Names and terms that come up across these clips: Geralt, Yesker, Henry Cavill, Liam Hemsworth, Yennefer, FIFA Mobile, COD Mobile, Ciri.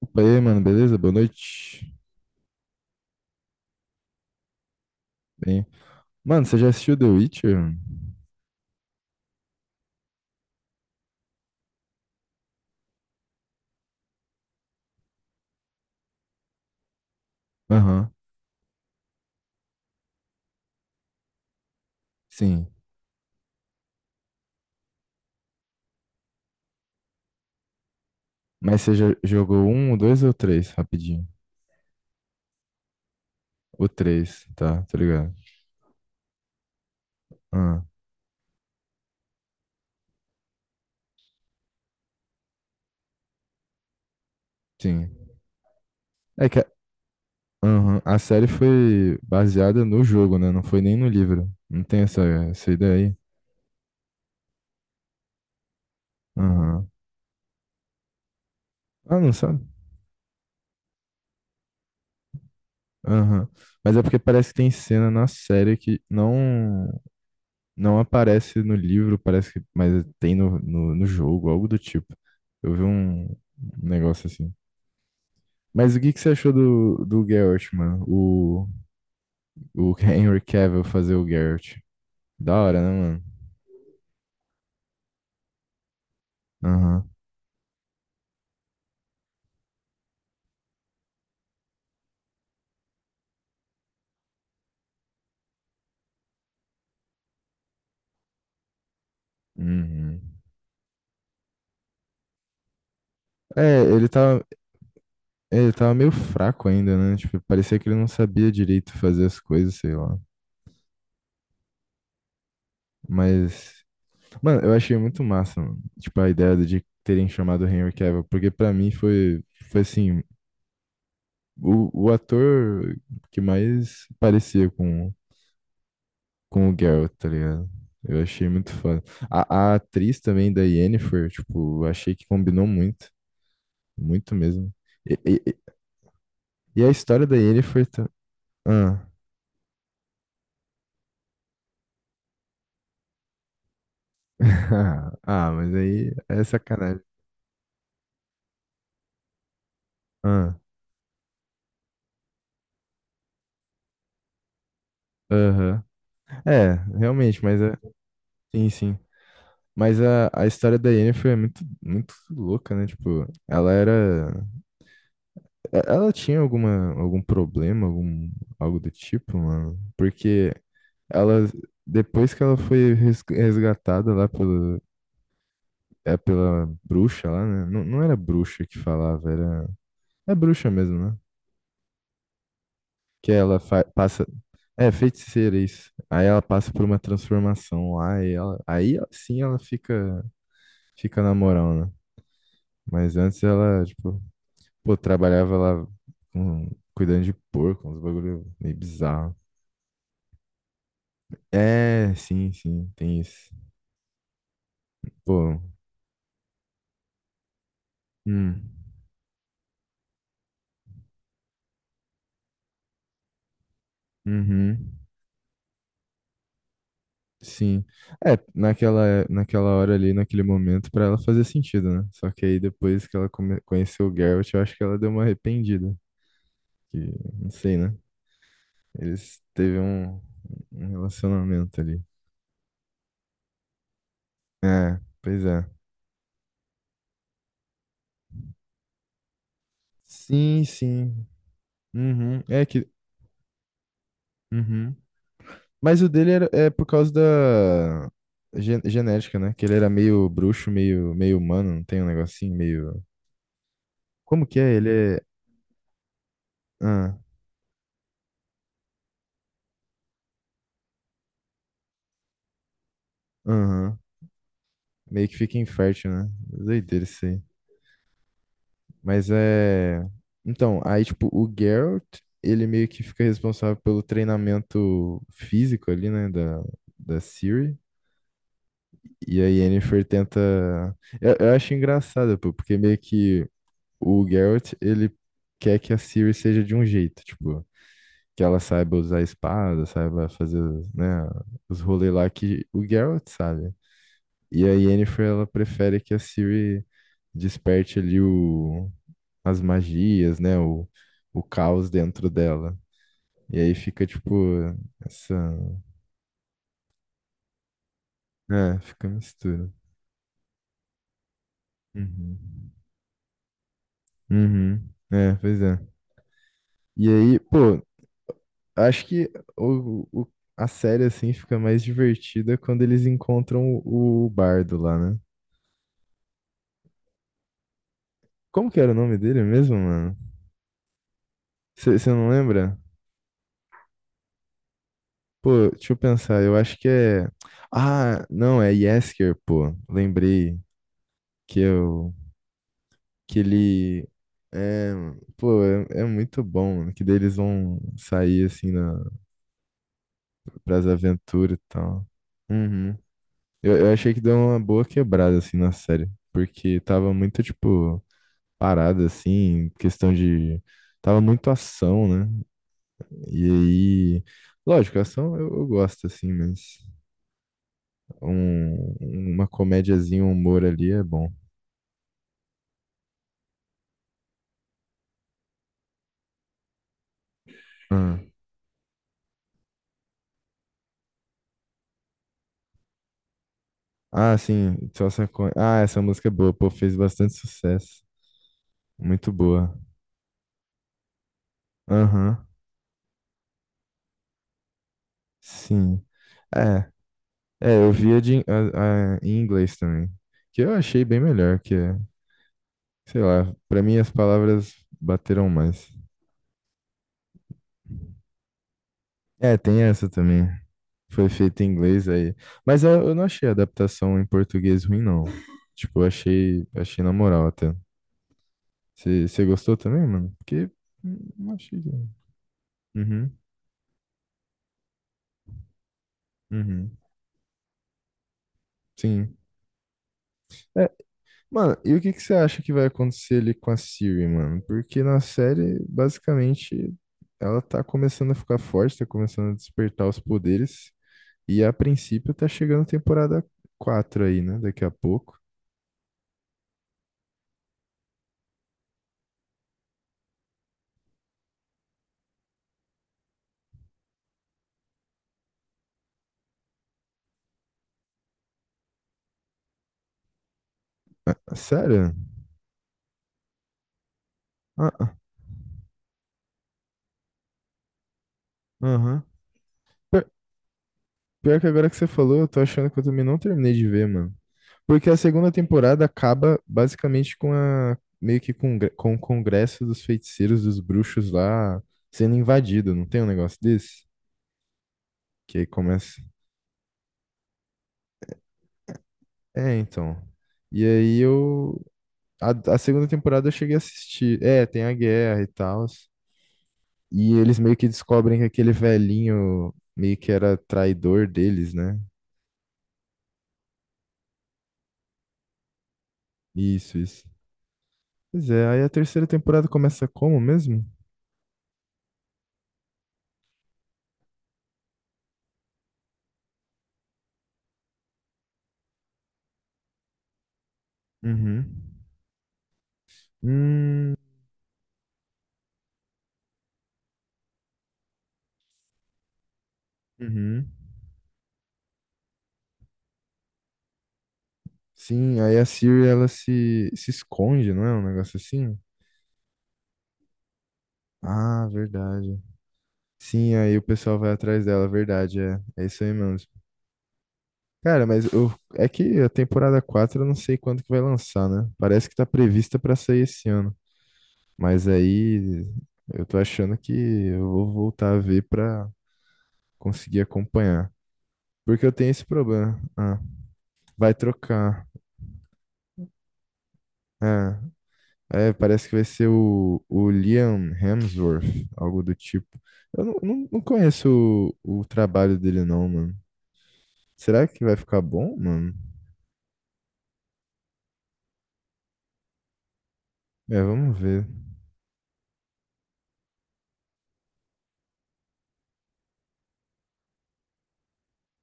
Opa, e aí, mano, beleza? Boa noite. Bem, mano, você já assistiu The Witcher? Aham, sim. Mas você já jogou o dois ou o três? Rapidinho. O três, tá, tá ligado? Ah, sim. É que a, aham, a série foi baseada no jogo, né? Não foi nem no livro. Não tem essa ideia aí? Aham. Ah, não sabe? Aham. Mas é porque parece que tem cena na série que não. Não aparece no livro, parece que, mas tem no jogo, algo do tipo. Eu vi um negócio assim. Mas o que que você achou do Geralt, mano? O Henry Cavill fazer o Geralt. Da hora, né, mano? Aham. Uhum. É, ele tava, Ele tava meio fraco ainda, né? Tipo, parecia que ele não sabia direito fazer as coisas, sei lá. Mas, mano, eu achei muito massa, mano. Tipo, a ideia de terem chamado Henry Cavill, porque pra mim foi assim. O ator que mais parecia com o Geralt, tá ligado? Eu achei muito foda. A atriz também da Yennefer, tipo, eu achei que combinou muito. Muito mesmo. E, e- e- e a história da Yennefer... ta- Ah. Ah, mas aí é sacanagem. Ah, aham. É, realmente, mas é, sim, sim. Mas a história da Yennefer é muito, muito louca, né? Tipo, ela era. É, ela tinha alguma, algum problema, algum, algo do tipo, mano? Porque ela, depois que ela foi res- resgatada lá pela, é, pela bruxa lá, né? Não, não era bruxa que falava, era... É bruxa mesmo, né? Que ela fa- passa... É, feiticeira, isso. Aí ela passa por uma transformação lá e ela... Aí sim ela fica, fica na moral, né? Mas antes ela, tipo, pô, trabalhava lá com- cuidando de porco, uns bagulho meio bizarro. É, sim, sim, tem isso. Pô, hum, uhum, sim. Naquela hora ali, naquele momento, pra ela fazer sentido, né? Só que aí depois que ela come- conheceu o Geralt, eu acho que ela deu uma arrependida. Que, não sei, né? Eles teve um relacionamento ali. É, pois é. Sim, sim. Uhum, é que. Uhum. Mas o dele era, é por causa da gen- genética, né? Que ele era meio bruxo, meio humano, não tem um negocinho meio. Como que é? Ele é. Ah, aham. Meio que fica infértil, né? Doideira isso aí. Mas é. Então, aí, tipo, o Geralt, ele meio que fica responsável pelo treinamento físico ali, né? Da Ciri. E a Yennefer tenta. Eu acho engraçado, pô, porque meio que o Geralt, ele quer que a Ciri seja de um jeito, tipo. Que ela saiba usar a espada, saiba fazer, os, né, os rolês lá que o Geralt sabe. E a Yennefer, ela prefere que a Ciri desperte ali as magias, né, o caos dentro dela. E aí fica, tipo, essa... É, fica mistura. Uhum. Uhum. É, pois é. E aí, pô, acho que o, o- a série, assim, fica mais divertida quando eles encontram o bardo lá, né? Como que era o nome dele mesmo, mano? Você não lembra? Pô, deixa eu pensar, eu acho que é. Ah, não, é Yesker, pô. Lembrei que eu. Que ele. É, pô, é, é muito bom, mano. Que daí eles vão sair assim na, pras aventuras e tal. Uhum. Eu achei que deu uma boa quebrada assim na série. Porque tava muito, tipo, parada assim, questão de. Tava muito ação, né? E aí, lógico, ação eu gosto, assim, mas um, uma comédiazinha, um humor ali é bom. Ah, ah, sim, só saco... Ah, essa música é boa, pô, fez bastante sucesso. Muito boa. Aham, sim. É, é, eu via de, in- a- em inglês também, que eu achei bem melhor, que, é, sei lá, pra mim as palavras bateram mais. É, tem essa também. Foi feito em inglês aí. Mas eh, eu não achei a adaptação em português ruim, não. Tipo, eu achei, achei na moral até. Você gostou também, mano? Porque não achei. Não. Uhum, uhum. Sim. É, mano, e o que que você acha que vai acontecer ali com a Siri, mano? Porque na série, basicamente, ela tá começando a ficar forte, tá começando a despertar os poderes. E a princípio tá chegando temporada 4 aí, né? Daqui a pouco. Ah, sério? Ah, ah, aham. Pior que agora que você falou, eu tô achando que eu também não terminei de ver, mano. Porque a segunda temporada acaba basicamente com a meio que com, gre- com o congresso dos feiticeiros, dos bruxos lá sendo invadido, não tem um negócio desse? Que aí começa. É, então. E aí eu a segunda temporada eu cheguei a assistir. É, tem a guerra e tal. E eles meio que descobrem que aquele velhinho meio que era traidor deles, né? Isso, isso. Pois é, aí a terceira temporada começa como mesmo? Uhum. Hum, uhum. Sim, aí a Siri ela se esconde, não é? Um negócio assim? Ah, verdade. Sim, aí o pessoal vai atrás dela, verdade, é. É isso aí mesmo. Cara, mas eu, é que a temporada 4 eu não sei quando que vai lançar, né? Parece que tá prevista pra sair esse ano. Mas aí eu tô achando que eu vou voltar a ver pra conseguir acompanhar. Porque eu tenho esse problema. Ah, vai trocar. É. É, parece que vai ser o Liam Hemsworth, algo do tipo. Eu não, não, não conheço o trabalho dele, não, mano. Será que vai ficar bom, mano? É, vamos ver.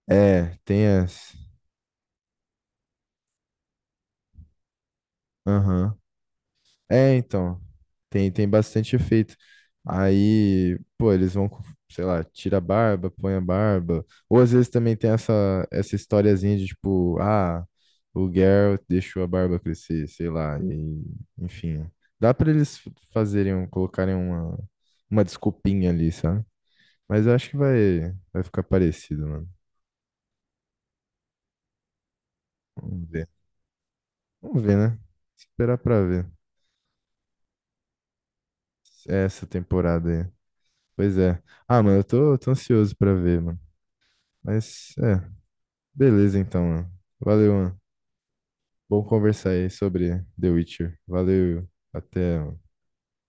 É, tem as. Aham. É, então, tem, tem bastante efeito. Aí, pô, eles vão, com- sei lá, tira a barba, põe a barba. Ou às vezes também tem essa, essa historiazinha de tipo, ah, o Geralt deixou a barba crescer, sei lá. E, enfim, dá pra eles fazerem, um- colocarem uma desculpinha ali, sabe? Mas eu acho que vai, vai ficar parecido, mano. Vamos ver. Vamos ver, né? Esperar pra ver essa temporada aí. Pois é. Ah, mano, eu tô, tô ansioso pra ver, mano. Mas é, beleza então, mano. Valeu, mano. Bom conversar aí sobre The Witcher. Valeu, até. Mano.